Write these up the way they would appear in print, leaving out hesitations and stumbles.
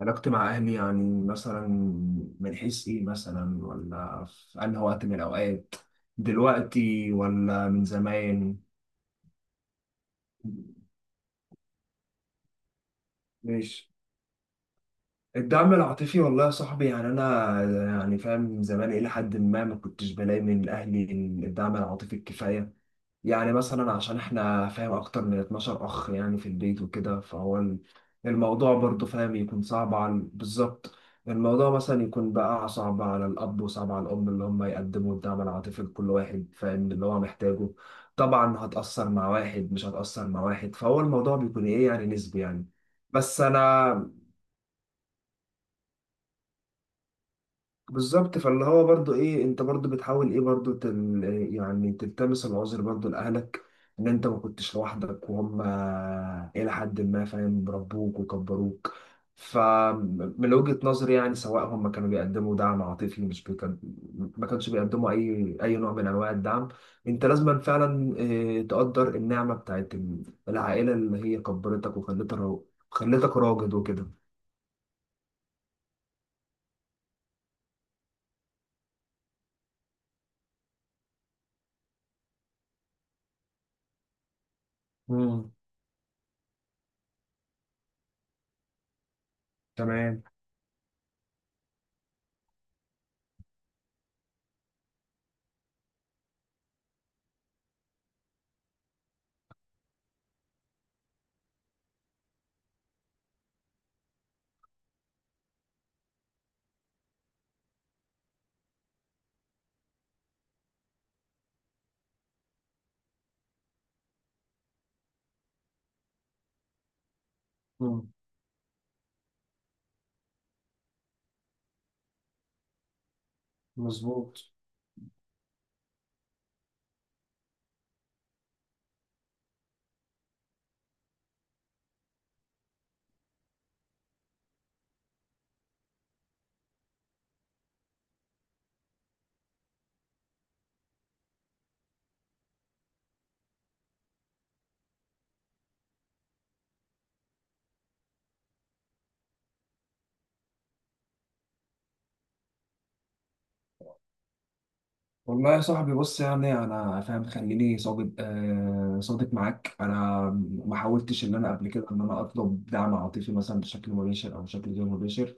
علاقتي مع أهلي، يعني مثلا من حيث إيه مثلا، ولا في أنهي وقت من الأوقات، دلوقتي ولا من زمان؟ ماشي. الدعم العاطفي، والله يا صاحبي، يعني أنا يعني فاهم من زمان، إلى حد ما ما كنتش بلاقي من أهلي الدعم العاطفي الكفاية. يعني مثلا عشان احنا فاهم اكتر من 12 اخ يعني في البيت وكده، فهو الموضوع برضو فاهم يكون صعب على، بالظبط. الموضوع مثلا يكون بقى صعب على الاب وصعب على الام، اللي هم يقدموا الدعم العاطفي لكل واحد فاهم اللي هو محتاجه. طبعا هتأثر مع واحد، مش هتأثر مع واحد، فهو الموضوع بيكون ايه، يعني نسبي يعني. بس انا، بالظبط، فاللي هو برضو ايه، انت برضو بتحاول ايه، برضو يعني تلتمس العذر برضو لاهلك، ان انت ما كنتش لوحدك، وهم الى حد ما فاهم ربوك وكبروك. فمن وجهة نظري، يعني سواء هم كانوا بيقدموا دعم عاطفي مش بيكن... ما كانش بيقدموا اي نوع من انواع الدعم، انت لازم فعلا آه، تقدر النعمة بتاعت العائلة، اللي هي كبرتك وخلتك را- خلتك راجل وكده. امم تمام. امم مظبوط. والله يا صاحبي، بص يعني انا فاهم، خليني صادق آه، صادق معاك. انا ما حاولتش ان انا قبل كده ان انا اطلب دعم عاطفي مثلا بشكل مباشر او بشكل غير مباشر.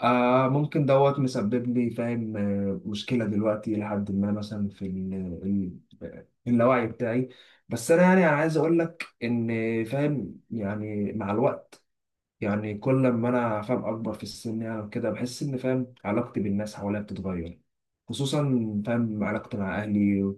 آه، ممكن دوت مسبب لي فاهم آه، مشكله دلوقتي، لحد ما مثلا في ال اللاوعي بتاعي. بس انا يعني، انا عايز اقول لك ان فاهم يعني مع الوقت، يعني كل ما انا فاهم اكبر في السن، يعني كده بحس ان فاهم علاقتي بالناس حواليا بتتغير، خصوصا فاهم علاقتي مع اهلي.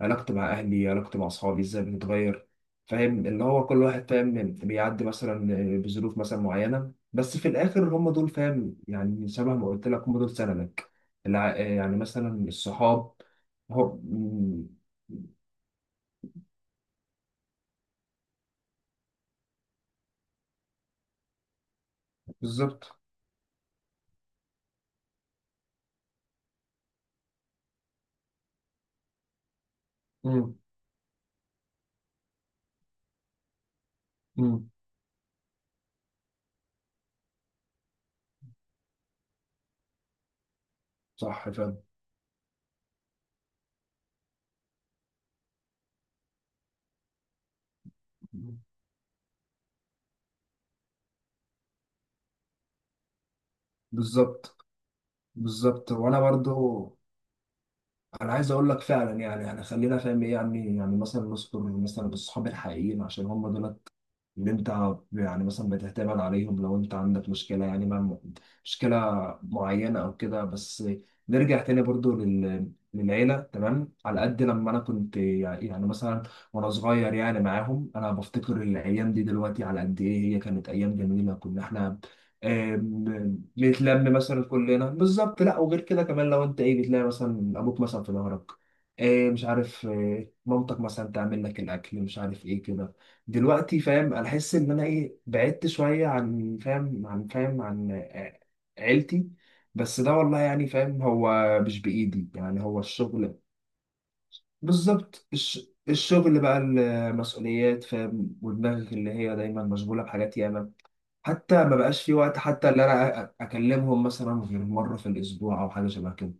علاقتي مع اهلي، علاقتي مع اصحابي ازاي بتتغير. فاهم اللي هو كل واحد فاهم بيعدي مثلا بظروف مثلا معينة، بس في الاخر هم دول فاهم، يعني شبه ما قلت لك، هم دول سندك. يعني مثلا الصحاب. هو مم. بالظبط. مم. مم. صح فاهم. بالظبط. بالظبط، وانا برضو انا عايز اقول لك فعلا، يعني يعني خلينا فاهم ايه يعني، يعني مثلا نذكر مثلا الصحاب الحقيقيين، عشان هم دول اللي انت يعني مثلا بتعتمد عليهم لو انت عندك مشكلة، يعني مع مشكلة معينة او كده. بس نرجع تاني برضو للعيلة. تمام، على قد لما انا كنت يعني، يعني مثلا وانا صغير يعني معاهم، انا بفتكر الايام دي دلوقتي على قد ايه هي كانت ايام جميلة. كنا احنا بنتلم مثلا كلنا بالظبط، لا وغير كده كمان، لو انت ايه بتلاقي مثلا ابوك مثلا في ظهرك، آه، مش عارف، آه، مامتك مثلا تعمل لك الاكل، مش عارف ايه كده. دلوقتي فاهم انا احس ان انا ايه بعدت شويه عن فاهم عن فاهم عن آه، عيلتي. بس ده والله يعني فاهم هو مش بايدي، يعني هو الشغل. بالظبط. الشغل بقى، المسؤوليات فاهم، ودماغك اللي هي دايما مشغوله بحاجات ياما، حتى ما بقاش في وقت، حتى اللي انا اكلمهم مثلا غير مره في الاسبوع او حاجه شبه كده.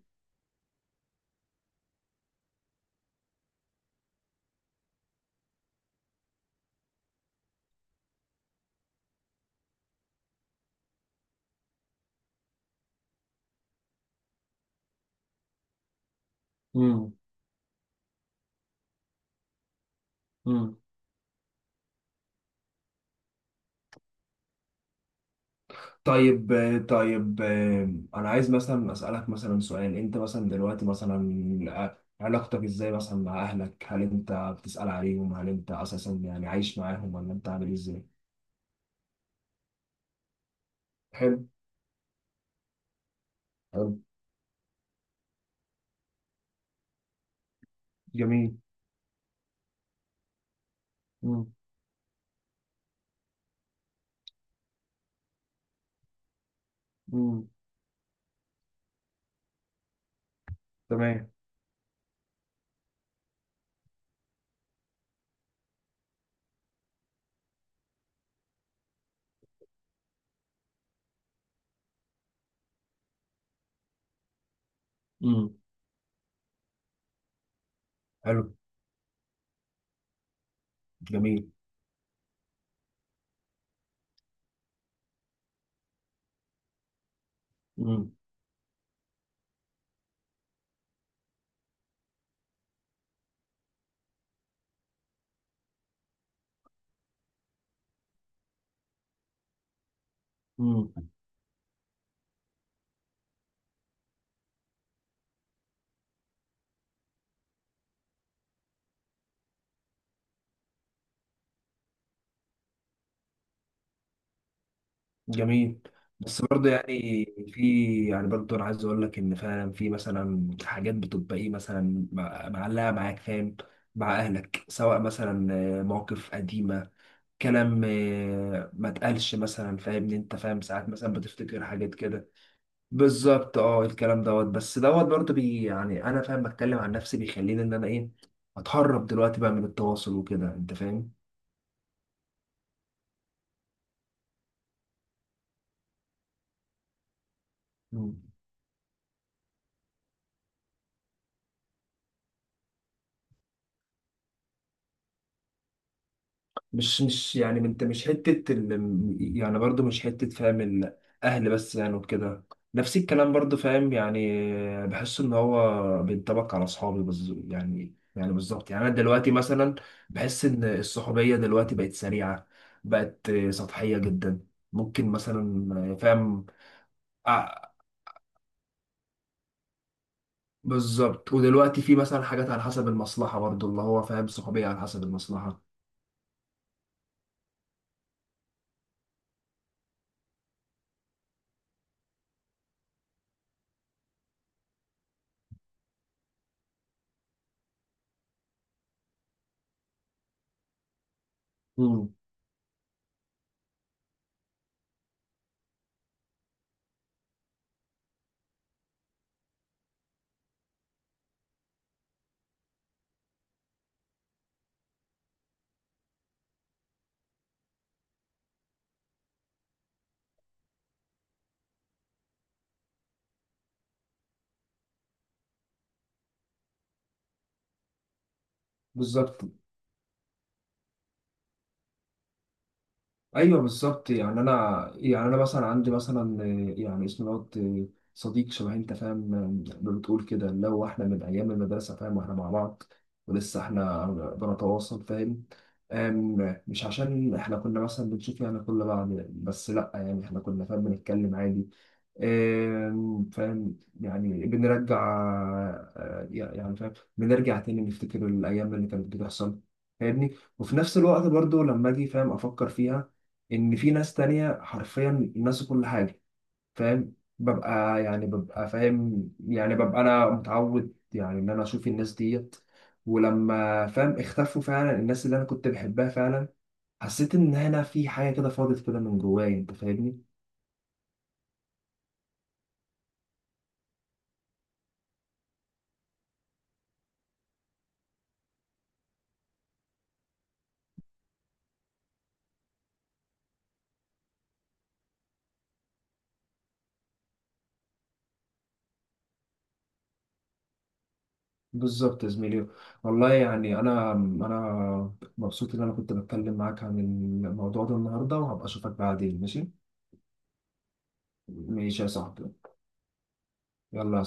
امم طيب. طيب، انا عايز مثلا اسالك مثلا سؤال. انت مثلا دلوقتي مثلا علاقتك ازاي مثلا مع اهلك؟ هل انت بتسال عليهم؟ هل انت اساسا يعني عايش معاهم ولا انت عامل ازاي؟ حلو. حلو. جميل. مم. مم. تمام. مم. حلو. جميل. مم. مم. جميل. بس برضه يعني، في يعني برضه انا عايز اقول لك ان فعلا في مثلا حاجات بتبقى ايه مثلا معلقه معاك فاهم، مع اهلك، سواء مثلا آه، مواقف قديمه، كلام آه، ما اتقالش مثلا، فاهم ان انت فاهم ساعات مثلا بتفتكر حاجات كده. بالظبط اه. الكلام دوت، بس دوت برضه بي، يعني انا فاهم بتكلم عن نفسي، بيخليني ان انا ايه اتهرب دلوقتي بقى من التواصل وكده، انت فاهم. مش يعني انت مش حتة ال... يعني برضو مش حتة فاهم الأهل بس، يعني وكده. نفس الكلام برضو فاهم، يعني بحس إن هو بينطبق على أصحابي يعني يعني بالظبط، يعني أنا دلوقتي مثلا بحس إن الصحوبية دلوقتي بقت سريعة، بقت سطحية جدا. ممكن مثلا فاهم آه، بالظبط. ودلوقتي في مثلا حاجات على حسب المصلحة برضو، اللي هو فاهم صحوبية على حسب المصلحة. مم. بالظبط. ايوه بالظبط، يعني انا، يعني انا مثلا عندي مثلا آه، يعني اسمه دوت آه، صديق شبه انت فاهم آه، ما بتقول كده، اللي هو احنا من ايام المدرسه فاهم، واحنا مع بعض ولسه احنا بنتواصل فاهم. مش عشان احنا كنا مثلا بنشوف يعني كل بعض، بس لا، يعني احنا كنا فاهم بنتكلم عادي. فاهم يعني بنرجع آه، يعني فاهم بنرجع تاني نفتكر الأيام اللي كانت بتحصل، فاهمني. وفي نفس الوقت برضو، لما أجي فاهم أفكر فيها إن في ناس تانية حرفيا ناسوا كل حاجة، فاهم. ببقى يعني ببقى فاهم، يعني ببقى أنا متعود يعني إن أنا أشوف الناس ديت، ولما فاهم اختفوا فعلا الناس اللي أنا كنت بحبها فعلا، حسيت إن هنا في حاجة كده فاضت كده من جوايا، أنت فاهمني. بالظبط يا زميلي. والله يعني انا مبسوط ان انا كنت بتكلم معاك عن الموضوع ده النهارده، وهبقى اشوفك بعدين، ماشي. ماشي يا صاحبي. يلا.